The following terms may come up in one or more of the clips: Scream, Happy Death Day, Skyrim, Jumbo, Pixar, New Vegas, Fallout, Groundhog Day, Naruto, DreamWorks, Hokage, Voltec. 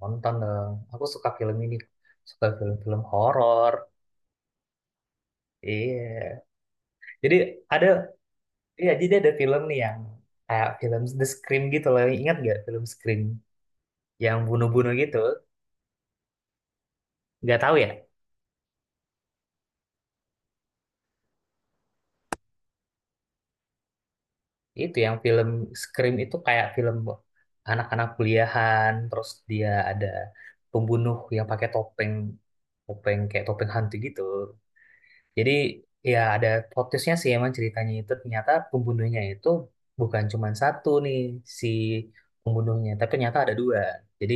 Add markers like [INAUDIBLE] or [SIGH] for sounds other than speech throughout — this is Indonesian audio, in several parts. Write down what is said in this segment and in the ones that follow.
Nonton dong. Aku suka film ini. Suka film-film horor. Iya. Jadi ada, iya, jadi ada film nih yang kayak film The Scream gitu loh. Ingat gak film Scream yang bunuh-bunuh gitu? Gak tahu ya. Itu yang film Scream itu kayak film anak-anak kuliahan. Terus dia ada pembunuh yang pakai topeng, topeng kayak topeng hantu gitu. Jadi ya ada plot twist-nya sih emang ceritanya itu ternyata pembunuhnya itu bukan cuma satu nih si pembunuhnya, tapi ternyata ada dua. Jadi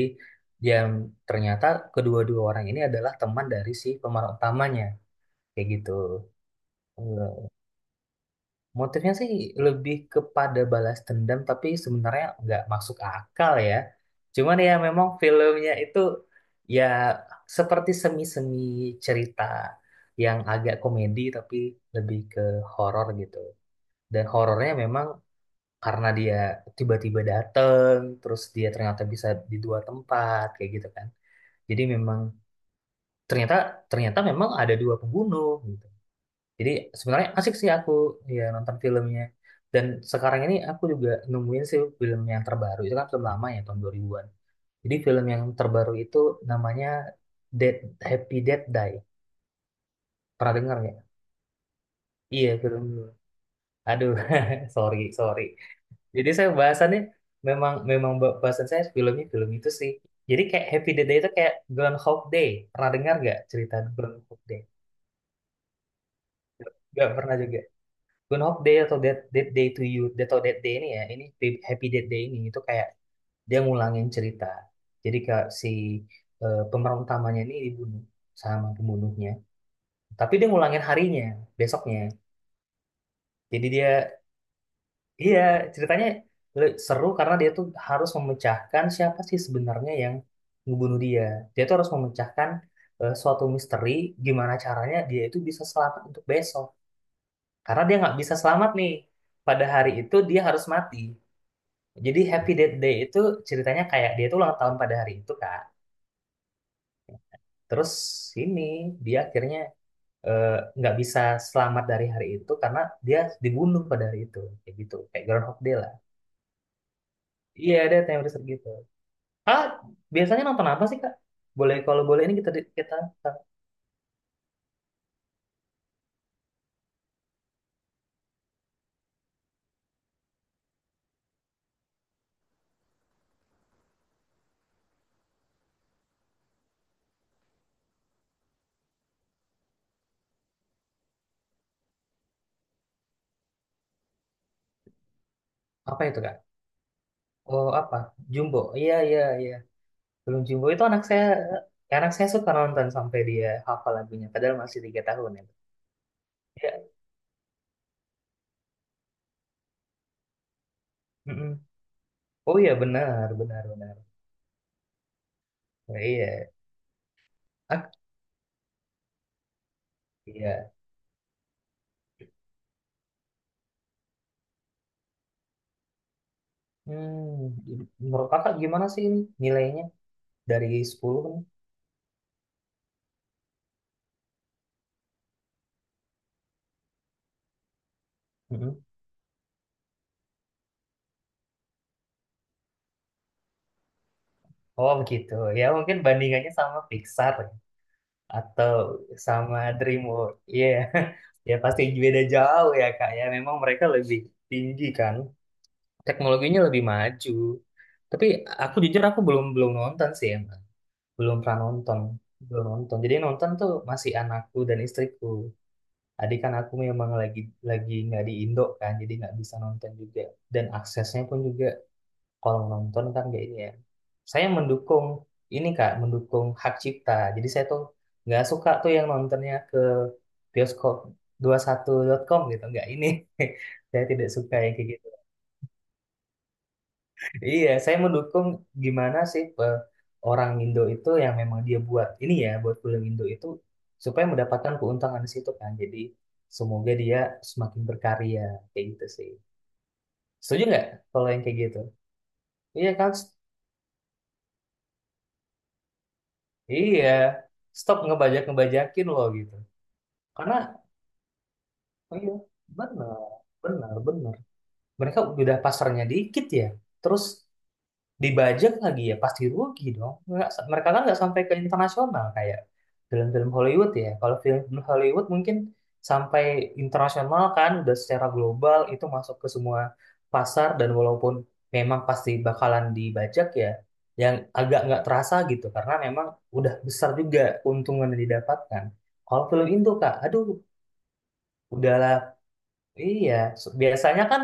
yang ternyata kedua-dua orang ini adalah teman dari si pemeran utamanya kayak gitu. Motifnya sih lebih kepada balas dendam, tapi sebenarnya nggak masuk akal ya. Cuman ya memang filmnya itu ya seperti semi-semi cerita yang agak komedi tapi lebih ke horor gitu. Dan horornya memang karena dia tiba-tiba dateng, terus dia ternyata bisa di dua tempat kayak gitu kan. Jadi memang ternyata ternyata memang ada dua pembunuh. Jadi sebenarnya asik sih aku ya nonton filmnya. Dan sekarang ini aku juga nemuin sih film yang terbaru. Itu kan film lama ya tahun 2000-an. Jadi film yang terbaru itu namanya Dead Happy Dead Die. Pernah dengar nggak? Iya, film. Aduh, [LAUGHS] sorry, sorry. Jadi saya bahasannya memang memang bahasan saya film itu sih. Jadi kayak Happy Dead Day itu kayak Groundhog Day. Pernah dengar nggak cerita Groundhog Day? Nggak pernah juga. Good Hope Day atau that that Day to You atau that Day ini Happy Happy Death Day ini itu kayak dia ngulangin cerita, jadi kayak si pemeran utamanya ini dibunuh sama pembunuhnya, tapi dia ngulangin harinya besoknya. Jadi dia, iya, ceritanya seru karena dia tuh harus memecahkan siapa sih sebenarnya yang ngebunuh dia. Dia tuh harus memecahkan suatu misteri, gimana caranya dia itu bisa selamat untuk besok karena dia nggak bisa selamat nih. Pada hari itu dia harus mati. Jadi Happy Death Day itu ceritanya kayak dia tuh ulang tahun pada hari itu, Kak. Terus ini dia akhirnya eh, nggak bisa selamat dari hari itu karena dia dibunuh pada hari itu, kayak gitu kayak Groundhog Day lah. Iya, ada teori gitu. Ah, biasanya nonton apa sih, Kak? Boleh, kalau boleh ini kita kita apa itu, Kak? Oh apa? Jumbo. Iya, iya, iya. Belum, Jumbo itu anak saya, anak saya suka nonton sampai dia hafal lagunya padahal masih 3 tahun ya. Iya. Mm-mm. Oh iya, benar, benar, benar. Nah, iya. Iya. Hmm, menurut kakak gimana sih ini nilainya dari 10 kan? Mhm. Oh begitu. Ya mungkin bandingannya sama Pixar ya. Atau sama DreamWorks. Iya. [LAUGHS] Ya pasti beda jauh ya kak ya. Memang mereka lebih tinggi kan. Teknologinya lebih maju. Tapi aku jujur, aku belum belum nonton sih emang. Belum pernah nonton. Belum nonton. Jadi yang nonton tuh masih anakku dan istriku. Adik kan aku memang lagi nggak di Indo kan, jadi nggak bisa nonton juga. Dan aksesnya pun juga kalau nonton kan kayak ini ya. Saya mendukung ini, Kak, mendukung hak cipta. Jadi saya tuh nggak suka tuh yang nontonnya ke bioskop 21.com gitu, nggak ini. [LAUGHS] Saya tidak suka yang kayak gitu. Iya, saya mendukung gimana sih orang Indo itu yang memang dia buat ini ya, buat film Indo itu supaya mendapatkan keuntungan di situ kan. Jadi semoga dia semakin berkarya kayak gitu sih. Setuju nggak kalau yang kayak gitu? Iya kan? Iya. Stop ngebajak-ngebajakin loh gitu. Karena oh iya, benar, benar, benar. Mereka udah pasarnya dikit ya. Terus dibajak lagi ya pasti rugi dong, nggak, mereka kan nggak sampai ke internasional kayak film-film Hollywood ya, kalau film-film Hollywood mungkin sampai internasional kan udah secara global itu masuk ke semua pasar dan walaupun memang pasti bakalan dibajak ya yang agak nggak terasa gitu karena memang udah besar juga keuntungan yang didapatkan. Kalau film Indo, kak, aduh, udahlah. Iya, biasanya kan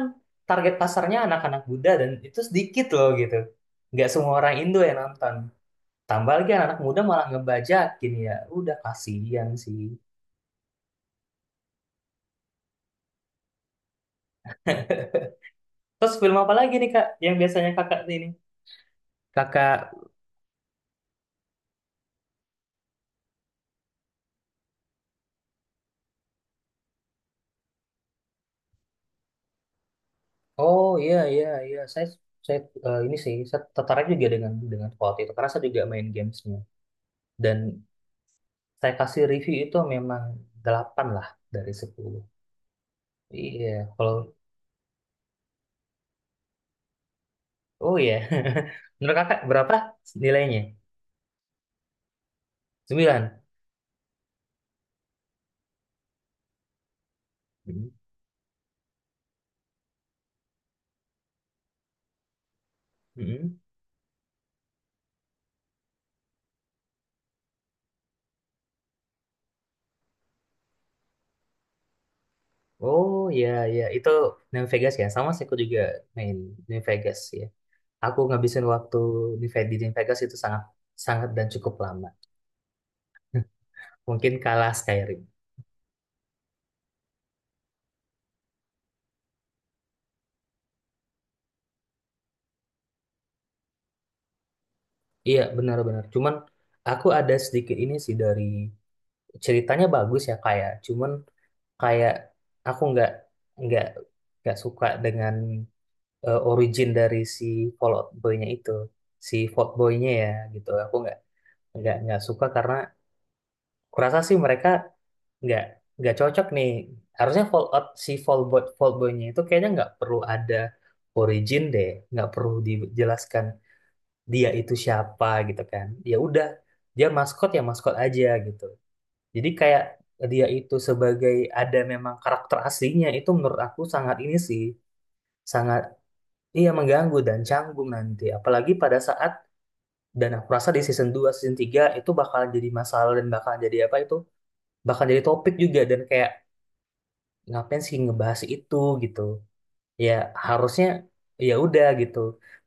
target pasarnya anak-anak muda dan itu sedikit loh gitu. Nggak semua orang Indo yang nonton. Tambah lagi anak muda malah ngebajakin ya. Udah kasihan sih. Terus film apa lagi nih Kak yang biasanya Kakak ini? Kakak, oh iya, iya, iya, saya ini sih saya tertarik juga dengan quality itu karena saya juga main gamesnya dan saya kasih review itu memang 8 lah dari 10. Iya, kalau oh iya. [LAUGHS] Menurut Kakak berapa nilainya? 9. Mhm. Mhm. Oh ya ya, itu New Vegas ya. Sama sih aku juga main New Vegas ya. Aku ngabisin waktu di New Vegas itu sangat sangat dan cukup lama. Mungkin kalah Skyrim. Iya benar-benar. Cuman aku ada sedikit ini sih dari ceritanya bagus ya kayak. Cuman kayak aku nggak nggak suka dengan origin dari si Fallout Boy-nya itu, si Fallout Boy-nya ya gitu. Aku nggak suka karena kurasa sih mereka nggak nggak cocok nih. Harusnya Fallout si Fallboynya itu kayaknya nggak perlu ada origin deh, nggak perlu dijelaskan dia itu siapa gitu kan. Ya udah, dia maskot ya maskot aja gitu. Jadi kayak dia itu sebagai ada memang karakter aslinya itu menurut aku sangat ini sih, sangat iya mengganggu dan canggung nanti. Apalagi pada saat dan aku rasa di season 2 season 3 itu bakalan jadi masalah dan bakalan jadi apa itu, bakal jadi topik juga dan kayak, ngapain sih ngebahas itu gitu ya, harusnya ya udah gitu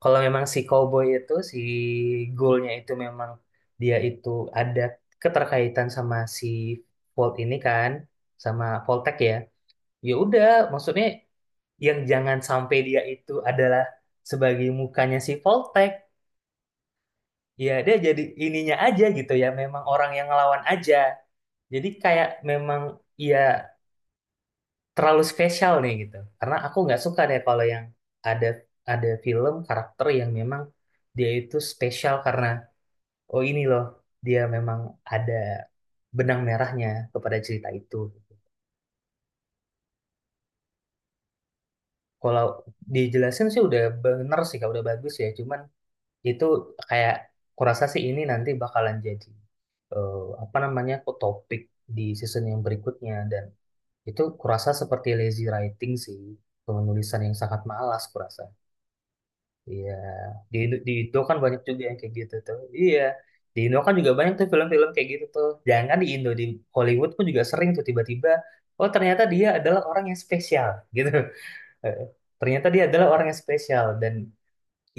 kalau memang si cowboy itu si goalnya itu memang dia itu ada keterkaitan sama si Volt ini kan, sama Voltec ya, ya udah, maksudnya yang jangan sampai dia itu adalah sebagai mukanya si Voltec, ya dia jadi ininya aja gitu ya memang orang yang ngelawan aja, jadi kayak memang ya terlalu spesial nih gitu. Karena aku nggak suka deh kalau yang ada ada film karakter yang memang dia itu spesial karena oh ini loh dia memang ada benang merahnya kepada cerita itu. Kalau dijelasin sih udah bener sih Kak, udah bagus ya. Cuman itu kayak kurasa sih ini nanti bakalan jadi eh, apa namanya kok topik di season yang berikutnya, dan itu kurasa seperti lazy writing sih, penulisan yang sangat malas kurasa. Iya, di Indo kan banyak juga yang kayak gitu tuh. Iya, di Indo kan juga banyak tuh film-film kayak gitu tuh. Jangan di Indo, di Hollywood pun juga sering tuh tiba-tiba, oh ternyata dia adalah orang yang spesial [LAUGHS] gitu. Eh, ternyata dia adalah orang yang spesial dan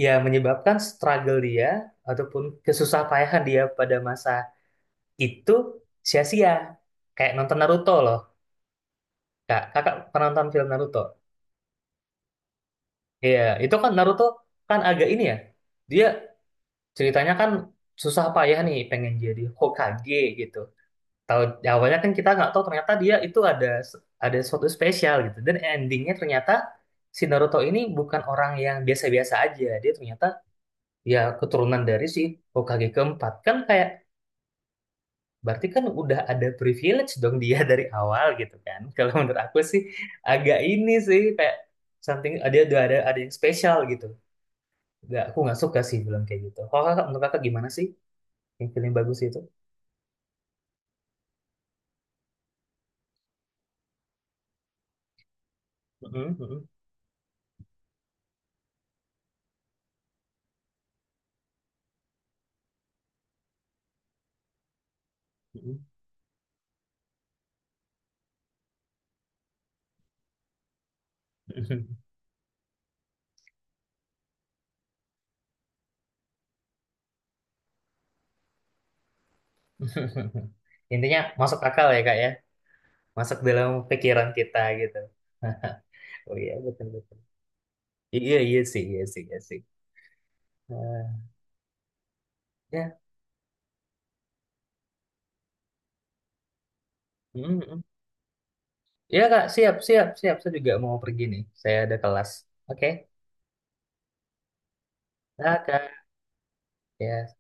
ya menyebabkan struggle dia ataupun kesusah payahan dia pada masa itu sia-sia. Kayak nonton Naruto loh. Kak, Kakak pernah nonton film Naruto? Iya, itu kan Naruto kan agak ini ya. Dia ceritanya kan susah payah nih pengen jadi Hokage gitu. Tahu awalnya kan kita nggak tahu ternyata dia itu ada sesuatu spesial gitu. Dan endingnya ternyata si Naruto ini bukan orang yang biasa-biasa aja. Dia ternyata ya keturunan dari si Hokage ke-4 kan, kayak berarti kan udah ada privilege dong dia [LAUGHS] dari awal gitu kan. Kalau menurut aku sih agak ini sih kayak something udah ada yang spesial gitu. Nggak, aku nggak suka sih bilang kayak gitu. Kalau kakak, menurut kakak gimana sih yang film bagus itu? Mhm, mhm, mhm. [LAUGHS] Intinya masuk akal ya kak ya, masuk dalam pikiran kita gitu. Nah, oh iya, betul betul. Iya iya sih, iya sih, iya sih. Nah, ya, mhm, mhm. Ya kak, siap siap siap. Saya juga mau pergi nih. Saya ada kelas. Oke, nah, kak. Ya.